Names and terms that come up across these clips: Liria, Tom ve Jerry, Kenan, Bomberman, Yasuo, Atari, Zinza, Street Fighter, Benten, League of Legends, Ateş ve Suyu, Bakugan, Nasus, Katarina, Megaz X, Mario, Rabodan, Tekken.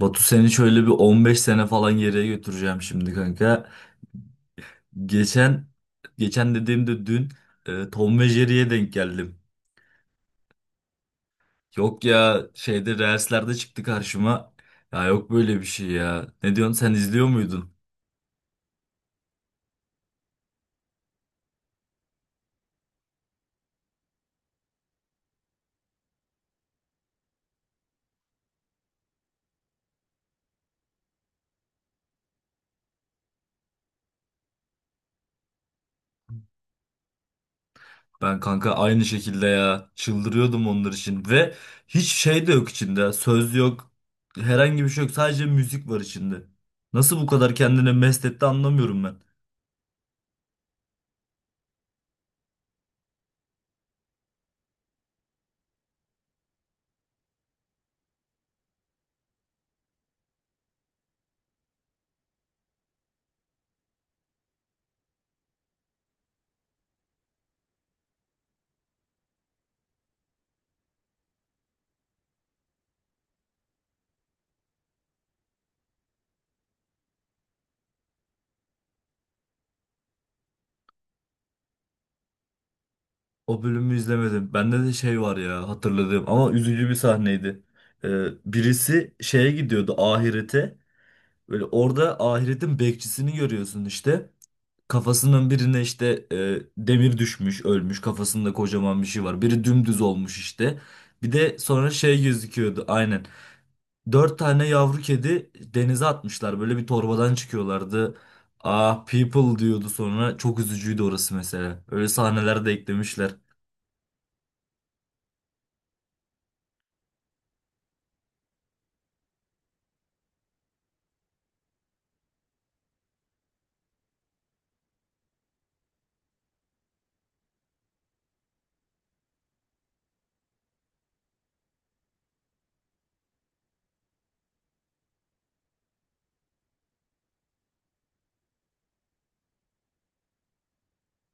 Batu seni şöyle bir 15 sene falan geriye götüreceğim şimdi kanka. Geçen geçen dediğimde dün Tom ve Jerry'ye denk geldim. Yok ya şeyde Reels'lerde çıktı karşıma. Ya yok böyle bir şey ya. Ne diyorsun sen izliyor muydun? Ben kanka aynı şekilde ya çıldırıyordum onlar için ve hiç şey de yok içinde. Söz yok. Herhangi bir şey yok. Sadece müzik var içinde. Nasıl bu kadar kendine mest etti anlamıyorum ben. O bölümü izlemedim. Bende de şey var ya hatırladığım ama üzücü bir sahneydi. Birisi şeye gidiyordu ahirete. Böyle orada ahiretin bekçisini görüyorsun işte. Kafasının birine işte demir düşmüş, ölmüş. Kafasında kocaman bir şey var. Biri dümdüz olmuş işte. Bir de sonra şey gözüküyordu aynen. Dört tane yavru kedi denize atmışlar. Böyle bir torbadan çıkıyorlardı. Ah people diyordu sonra. Çok üzücüydü orası mesela. Öyle sahneler de eklemişler.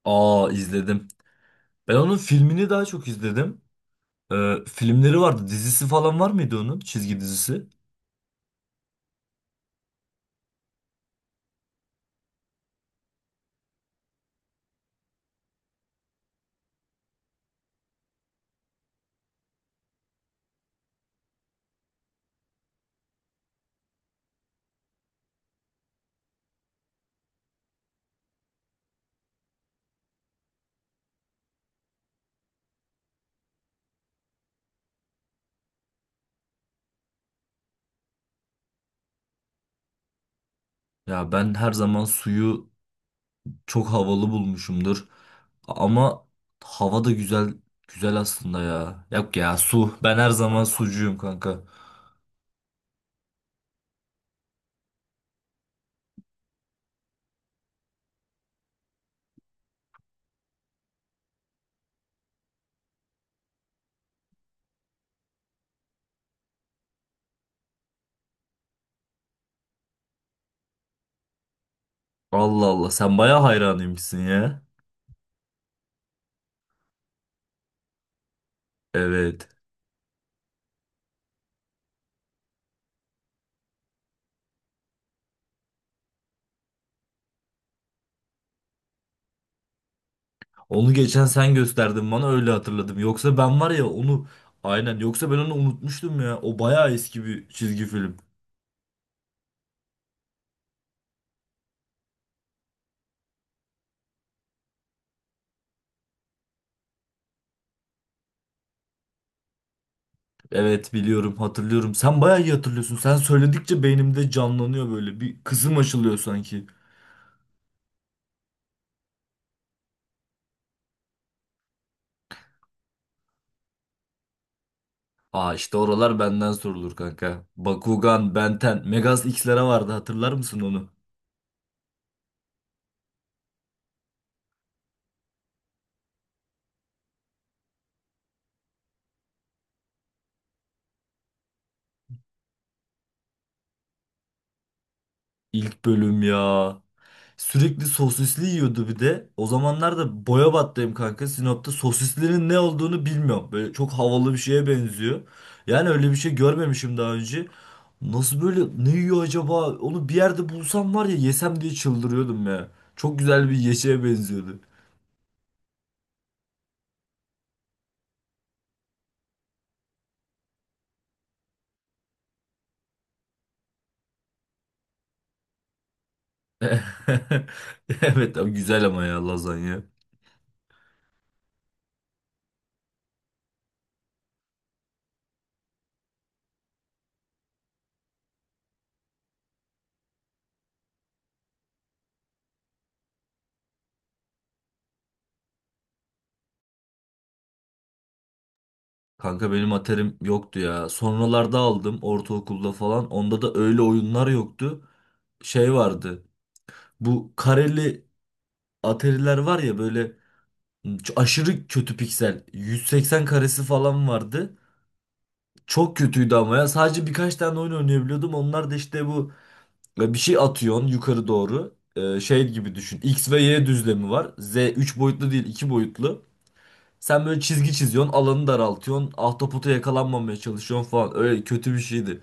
Aa izledim. Ben onun filmini daha çok izledim. Filmleri vardı. Dizisi falan var mıydı onun? Çizgi dizisi. Ya ben her zaman suyu çok havalı bulmuşumdur. Ama hava da güzel güzel aslında ya. Yok ya su. Ben her zaman sucuyum kanka. Allah Allah sen baya hayranıymışsın ya. Evet. Onu geçen sen gösterdin bana öyle hatırladım. Yoksa ben var ya onu aynen, yoksa ben onu unutmuştum ya. O baya eski bir çizgi film. Evet biliyorum, hatırlıyorum. Sen bayağı iyi hatırlıyorsun. Sen söyledikçe beynimde canlanıyor böyle. Bir kızım açılıyor sanki. Aa işte oralar benden sorulur kanka. Bakugan, Benten, Megaz X'lere vardı, hatırlar mısın onu? İlk bölüm ya. Sürekli sosisli yiyordu bir de. O zamanlar da boya battıyım kanka. Sinop'ta sosislerin ne olduğunu bilmiyorum. Böyle çok havalı bir şeye benziyor. Yani öyle bir şey görmemişim daha önce. Nasıl böyle ne yiyor acaba? Onu bir yerde bulsam var ya yesem diye çıldırıyordum ya. Çok güzel bir yeşeğe benziyordu. Evet ama güzel ama ya lazanya. Kanka benim aterim yoktu ya. Sonralarda aldım ortaokulda falan. Onda da öyle oyunlar yoktu. Şey vardı. Bu kareli Atari'ler var ya böyle aşırı kötü piksel. 180 karesi falan vardı. Çok kötüydü ama ya. Sadece birkaç tane oyun oynayabiliyordum. Onlar da işte bu bir şey atıyorsun yukarı doğru. E, şey gibi düşün. X ve Y düzlemi var. Z 3 boyutlu değil, 2 boyutlu. Sen böyle çizgi çiziyorsun, alanı daraltıyorsun, ahtapota yakalanmamaya çalışıyorsun falan. Öyle kötü bir şeydi.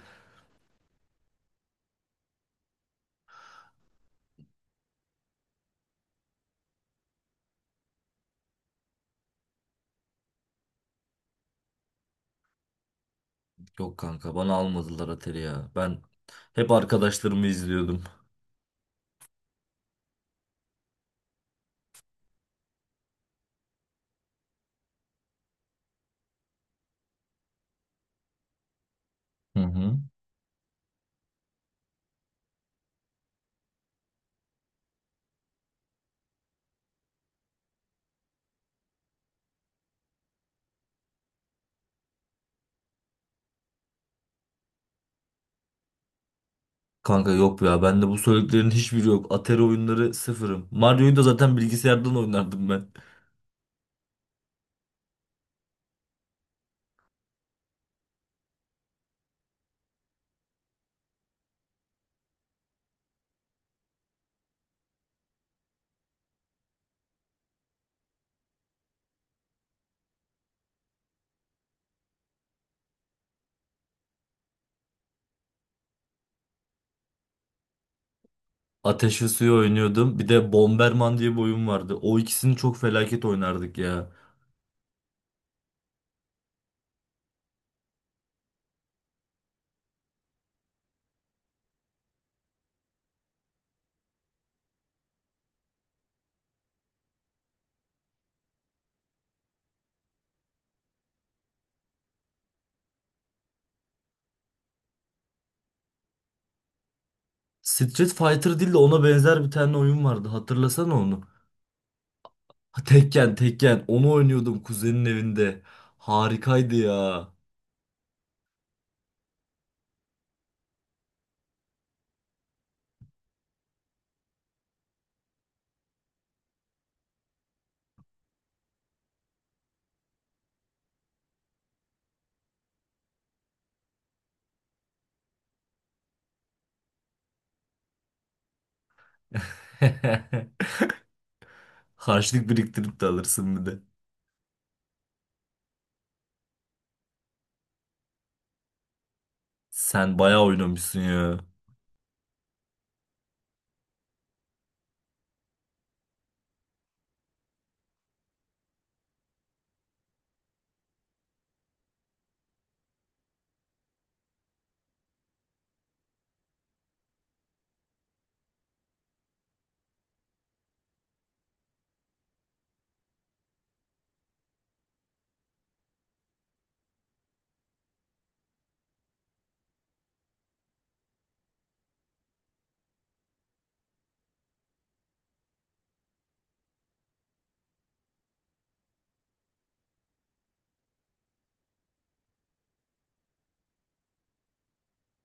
Yok kanka bana almadılar Atari ya. Ben hep arkadaşlarımı izliyordum. Hı hı. Kanka yok ya bende bu söylediklerin hiçbiri yok. Atari oyunları sıfırım. Mario'yu da zaten bilgisayardan oynardım ben. Ateş ve Suyu oynuyordum. Bir de Bomberman diye bir oyun vardı. O ikisini çok felaket oynardık ya. Street Fighter değil de ona benzer bir tane oyun vardı. Hatırlasana onu. Ha, Tekken onu oynuyordum kuzenin evinde. Harikaydı ya. Harçlık biriktirip de alırsın bir de. Sen bayağı oynamışsın ya.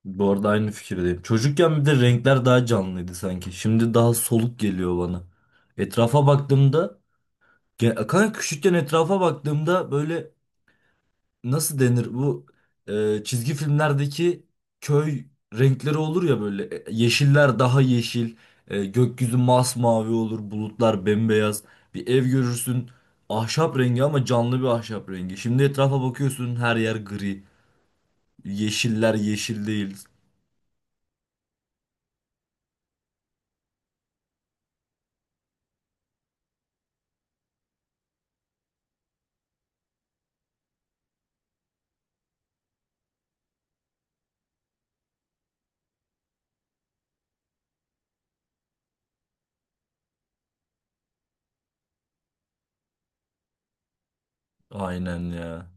Bu arada aynı fikirdeyim. Çocukken bir de renkler daha canlıydı sanki. Şimdi daha soluk geliyor bana. Etrafa baktığımda, kanka küçükken etrafa baktığımda böyle nasıl denir bu çizgi filmlerdeki köy renkleri olur ya böyle. E, yeşiller daha yeşil, gökyüzü masmavi olur, bulutlar bembeyaz. Bir ev görürsün, ahşap rengi ama canlı bir ahşap rengi. Şimdi etrafa bakıyorsun her yer gri, yeşiller yeşil değil. Aynen ya.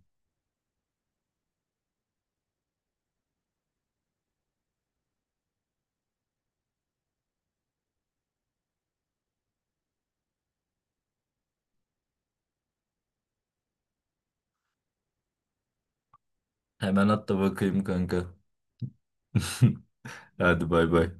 Hemen at da bakayım kanka. Hadi bay bay.